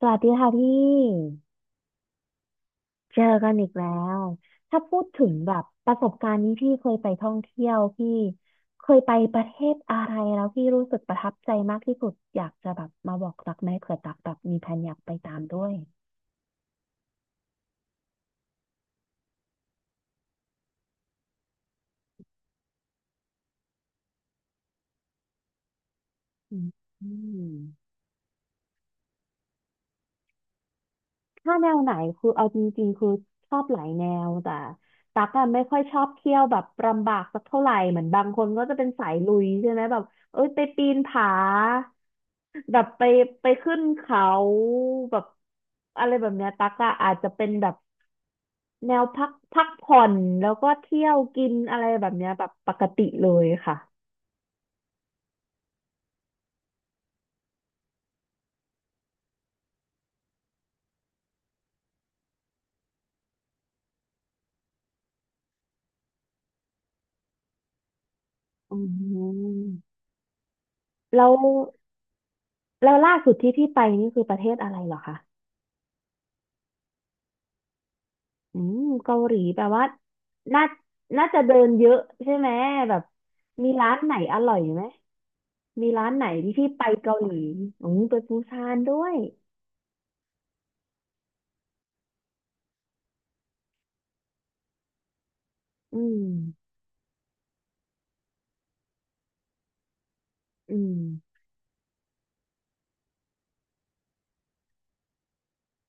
สวัสดีค่ะพี่เจอกันอีกแล้วถ้าพูดถึงแบบประสบการณ์นี้พี่เคยไปท่องเที่ยวพี่เคยไปประเทศอะไรแล้วพี่รู้สึกประทับใจมากที่สุดอยากจะแบบมาบอกรักไหมเผื่อตักแบบมีแผนอยากไปตามด้วยอืม ถ้าแนวไหนคือเอาจริงๆคือชอบหลายแนวแต่ตักอะไม่ค่อยชอบเที่ยวแบบลำบากสักเท่าไหร่เหมือนบางคนก็จะเป็นสายลุยใช่ไหมแบบเอ้ยไปปีนผาแบบไปขึ้นเขาแบบอะไรแบบเนี้ยตักอะอาจจะเป็นแบบแนวพักผ่อนแล้วก็เที่ยวกินอะไรแบบเนี้ยแบบปกติเลยค่ะอืมแล้วแล้วล่าสุดที่พี่ไปนี่คือประเทศอะไรเหรอคะ อืมเกาหลีแปลว่าน่าน่าจะเดินเยอะใช่ไหมแบบมีร้านไหนอร่อยไหมมีร้านไหนที่พี่ไปเกาหลีอืมไปปูซานด้วยอืมอืม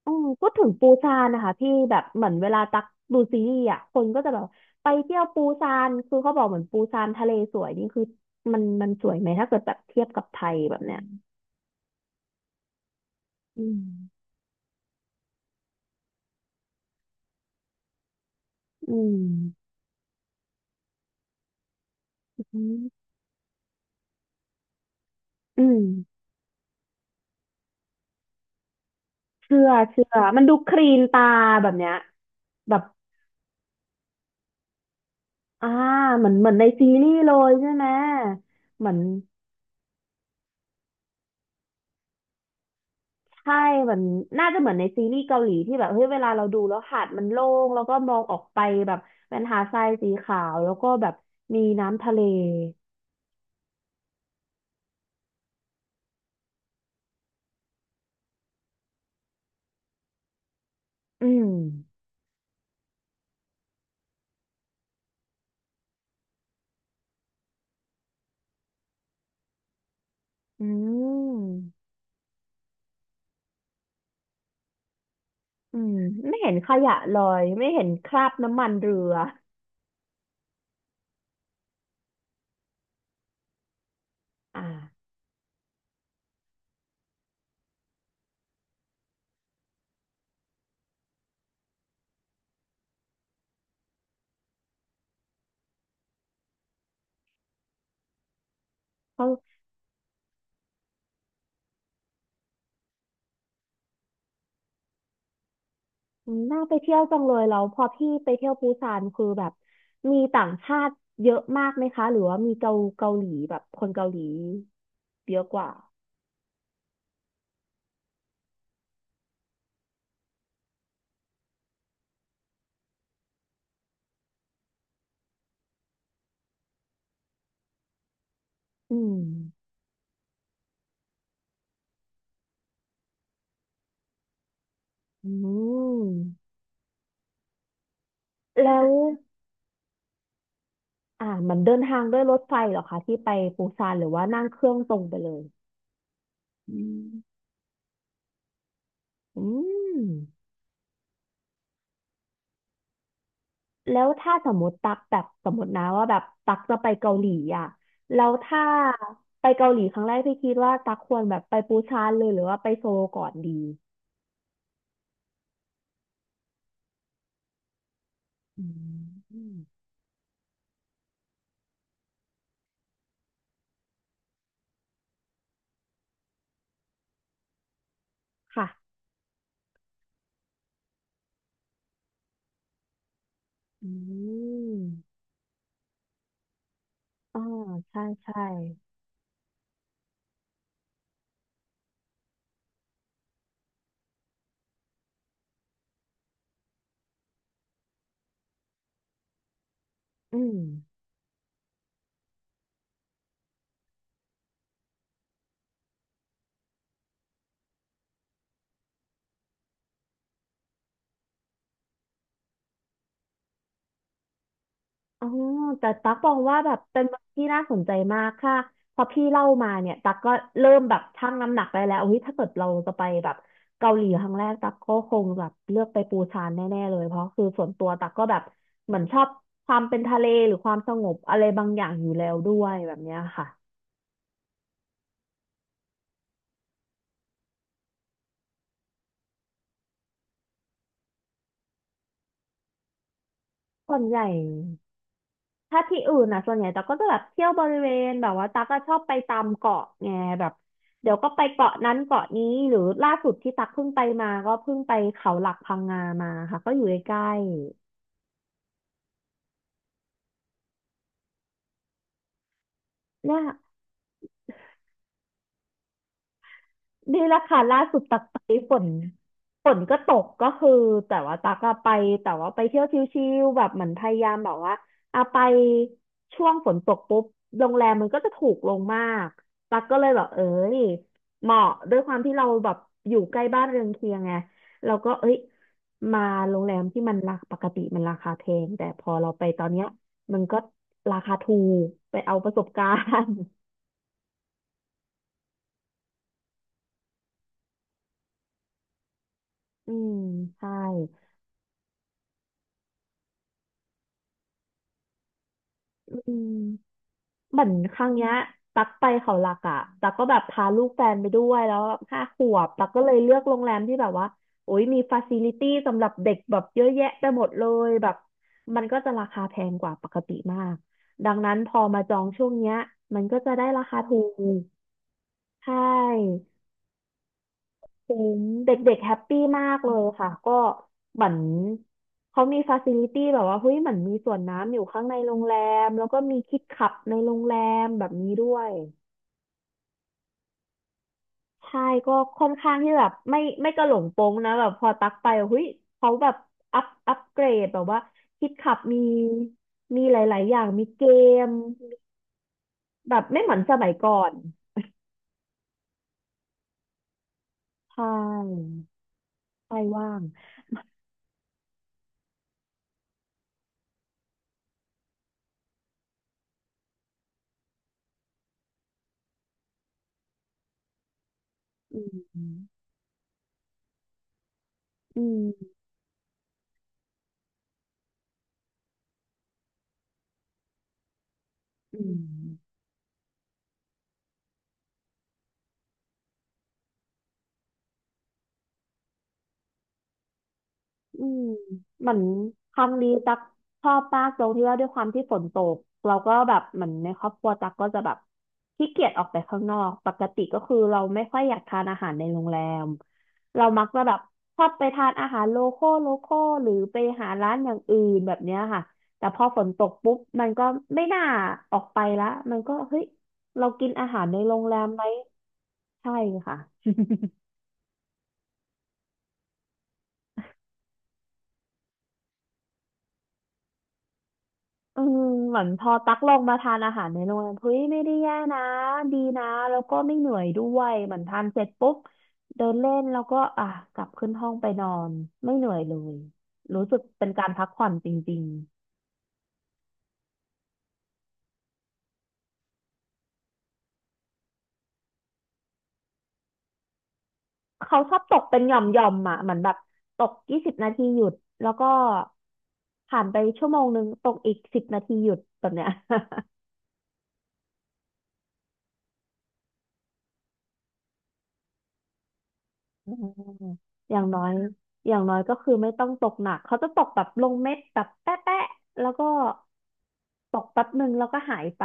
อืมพูดถึงปูซานนะคะพี่แบบเหมือนเวลาตักดูซีรีส์อ่ะคนก็จะแบบไปเที่ยวปูซานคือเขาบอกเหมือนปูซานทะเลสวยนี่คือมันสวยไหมถ้าเกิดแบบเทียบกับไทยแบบเนี้ยอืมอืมอืมอืม เชื่อเชื่อ มันดูคลีนตาแบบเนี้ยแบบอ่าเหมือนในซีรีส์เลยใช่ไหม เหมือนใช่เหมือนน่าจะเหมือนในซีรีส์เกาหลีที่แบบเฮ้ยเวลาเราดูแล้วหาดมันโล่งแล้วก็มองออกไปแบบเป็นหาดทรายสีขาวแล้วก็แบบมีน้ำทะเลอืมอืมอืมไม่เห็นขยะลอย ไม่เห็นคราบน้ำมันเรืออ่า อืมน่าไปเที่ยวจังเลยแล้วพอพี่ไปเที่ยวปูซานคือแบบมีต่างชาติเยอะมากไหมคะหรือว่ามีเกาหลีแบบคนเกาหลีเยอะกว่าอืมอืมแล้วอ่ามันเดินทางด้วยรถไฟเหรอคะที่ไปปูซานหรือว่านั่งเครื่องตรงไปเลยอืมอืมแล้วถ้าสมมติตักแบบสมมตินะว่าแบบตักจะไปเกาหลีอ่ะแล้วถ้าไปเกาหลีครั้งแรกพี่คิดว่าตักควรแบบไปปูซานเลยหรือว่าไปโซลก่อนดี อืมค่ะอืมอ๋อใช่ใช่อืมอ๋อแต่ตักบอกว่าแบบเป็นเมืองที่น่าสนใจมากค่ะพอพี่เล่ามาเนี่ยตักก็เริ่มแบบชั่งน้ำหนักได้แล้วเฮ้ยถ้าเกิดเราจะไปแบบเกาหลีครั้งแรกตักก็คงแบบเลือกไปปูซานแน่ๆเลยเพราะคือส่วนตัวตักก็แบบเหมือนชอบความเป็นทะเลหรือความสงบอะไรบางอย่างอยู่แล้วด้วยแบบเนี้ยค่ะส่วนใหญ่ ถ้าที่อื่นอ่ะส่วนใหญ่ตั๊กก็จะแบบเที่ยวบริเวณแบบว่าตั๊กก็ชอบไปตามเกาะไงแบบเดี๋ยวก็ไปเกาะนั้นเกาะนี้หรือล่าสุดที่ตั๊กเพิ่งไปมาก็เพิ่งไปเขาหลักพังงามาค่ะก็อยู่ใกล้ๆเนี่ย นี่แหละค่ะล่าสุดตักไปฝนฝนก็ตกก็คือแต่ว่าตักอะไปแต่ว่าไปเที่ยวชิลๆแบบเหมือนพยายามแบบว่าอะไปช่วงฝนตกปุ๊บโรงแรมมันก็จะถูกลงมากตักก็เลยแบบเอ้ยเหมาะด้วยความที่เราแบบอยู่ใกล้บ้านเรือนเคียงไงเราก็เอ้ยมาโรงแรมที่มันราปกติมันราคาแพงแต่พอเราไปตอนเนี้ยมันก็ราคาถูกไปเอาประสบการณ์ อืมใช่อืม เหมือนครั้งเนี้ยตักไปเขาหลักอะตักก็แบบพาลูกแฟนไปด้วยแล้ว5 ขวบตักก็เลยเลือกโรงแรมที่แบบว่าโอ้ยมีฟาซิลิตี้สำหรับเด็กแบบเยอะแยะไปหมดเลยแบบมันก็จะราคาแพงกว่าปกติมากดังนั้นพอมาจองช่วงเนี้ยมันก็จะได้ราคาถูกใช่คุ้มเด็กๆแฮปปี้มากเลยค่ะก็เหมือนเขามีฟาซิลิตี้แบบว่าเฮ้ยเหมือนมีสวนน้ำอยู่ข้างในโรงแรมแล้วก็มีคิดขับในโรงแรมแบบนี้ด้วย ใช่ก็ค่อนข้างที่แบบไม่กระหลงโปงนะแบบพอตักไปเฮ้ยเขาแบบอัพเกรดแบบว่าคิดขับมีมีหลายๆอย่างมีเกมแบบไม่เหมือนสมัยก่อนใช่ไปว่างอืมอืมอืม อืมเหมือนครั้งนี้ตักชอบมากตรงที่ว่าด้วยความที่ฝนตกเราก็แบบเหมือนในครอบครัวตักก็จะแบบขี้เกียจออกไปข้างนอกปกติก็คือเราไม่ค่อยอยากทานอาหารในโรงแรมเรามักจะแบบชอบไปทานอาหารโลคอลหรือไปหาร้านอย่างอื่นแบบเนี้ยค่ะแต่พอฝนตกปุ๊บมันก็ไม่น่าออกไปละมันก็เฮ้ยเรากินอาหารในโรงแรมไหมใช่ค่ะ อืมเหมือนพอตักลงมาทานอาหารในโรงแรมเฮ้ยไม่ได้แย่นะดีนะแล้วก็ไม่เหนื่อยด้วยเหมือนทานเสร็จปุ๊บเดินเล่นแล้วก็อ่ะกลับขึ้นห้องไปนอนไม่เหนื่อยเลยรู้สึกเป็นการพักผ่อนจริงๆเขาชอบตกเป็นหย่อมหย่อมอ่ะเหมือนแบบตก20 นาทีหยุดแล้วก็ผ่านไป1 ชั่วโมงตกอีกสิบนาทีหยุดแบบเนี้ย อืมอย่างน้อยอย่างน้อยก็คือไม่ต้องตกหนักเขาจะตกแบบลงเม็ดแบบแป๊ะแป๊ะแล้วก็ตกแป๊บหนึ่งแล้วก็หายไป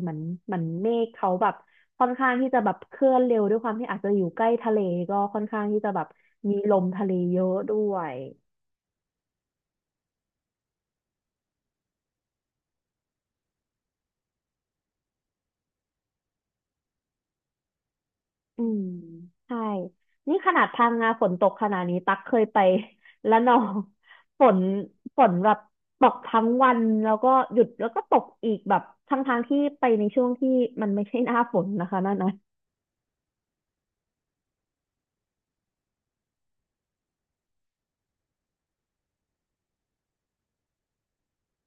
เหมือนเหมือนเมฆเขาแบบค่อนข้างที่จะแบบเคลื่อนเร็วด้วยความที่อาจจะอยู่ใกล้ทะเลก็ค่อนข้างที่จะแบบมีลมทะเลเยอะด้วย อืมใช่นี่ขนาดพังงาฝนตกขนาดนี้ตักเคยไป และนองฝนฝนแบบตกทั้งวันแล้วก็หยุดแล้วก็ตกอีกแบบทั้งทางที่ไปในช่วงที่มันไม่ใช่หน้าฝนนะคะนั่นนะ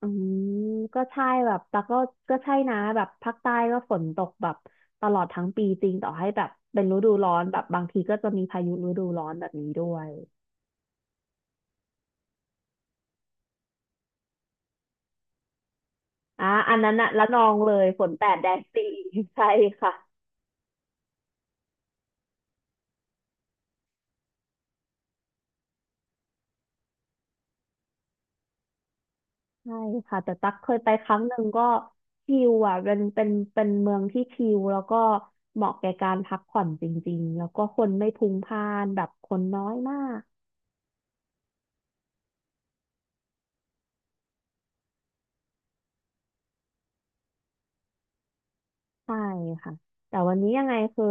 อืมก็ใช่แบบแต่ก็ใช่นะแบบภาคใต้ก็ฝนตกแบบตลอดทั้งปีจริงต่อให้แบบเป็นฤดูร้อนแบบบางทีก็จะมีพายุฤดูร้อนแบบนี้ด้วยอ่ะอันนั้นอะละนองเลยฝนแปดแดนสี่ใช่ค่ะ ใช่ค่ะแต่ตั๊กเคยไปครั้งหนึ่งก็ชิลอ่ะเป็นเมืองที่ชิลแล้วก็เหมาะแก่การพักผ่อนจริงๆแล้วก็คนไม่พลุกพล่านแบบคนน้อยมากใช่ค่ะแต่วันนี้ยังไงคือ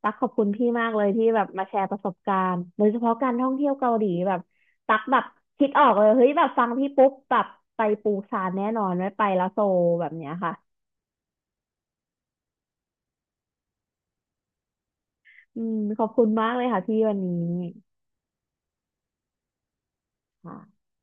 ตักขอบคุณพี่มากเลยที่แบบมาแชร์ประสบการณ์โดยเฉพาะการท่องเที่ยวเกาหลีแบบตักแบบคิดออกเลยเฮ้ยแบบฟังพี่ปุ๊บแบบไปปูซานแน่นอนไว้ไปแล้วโซลแบบเนี้ยค่ะอืมขอบคุณมากเลยค่ะพี่วันนี้ค่ะ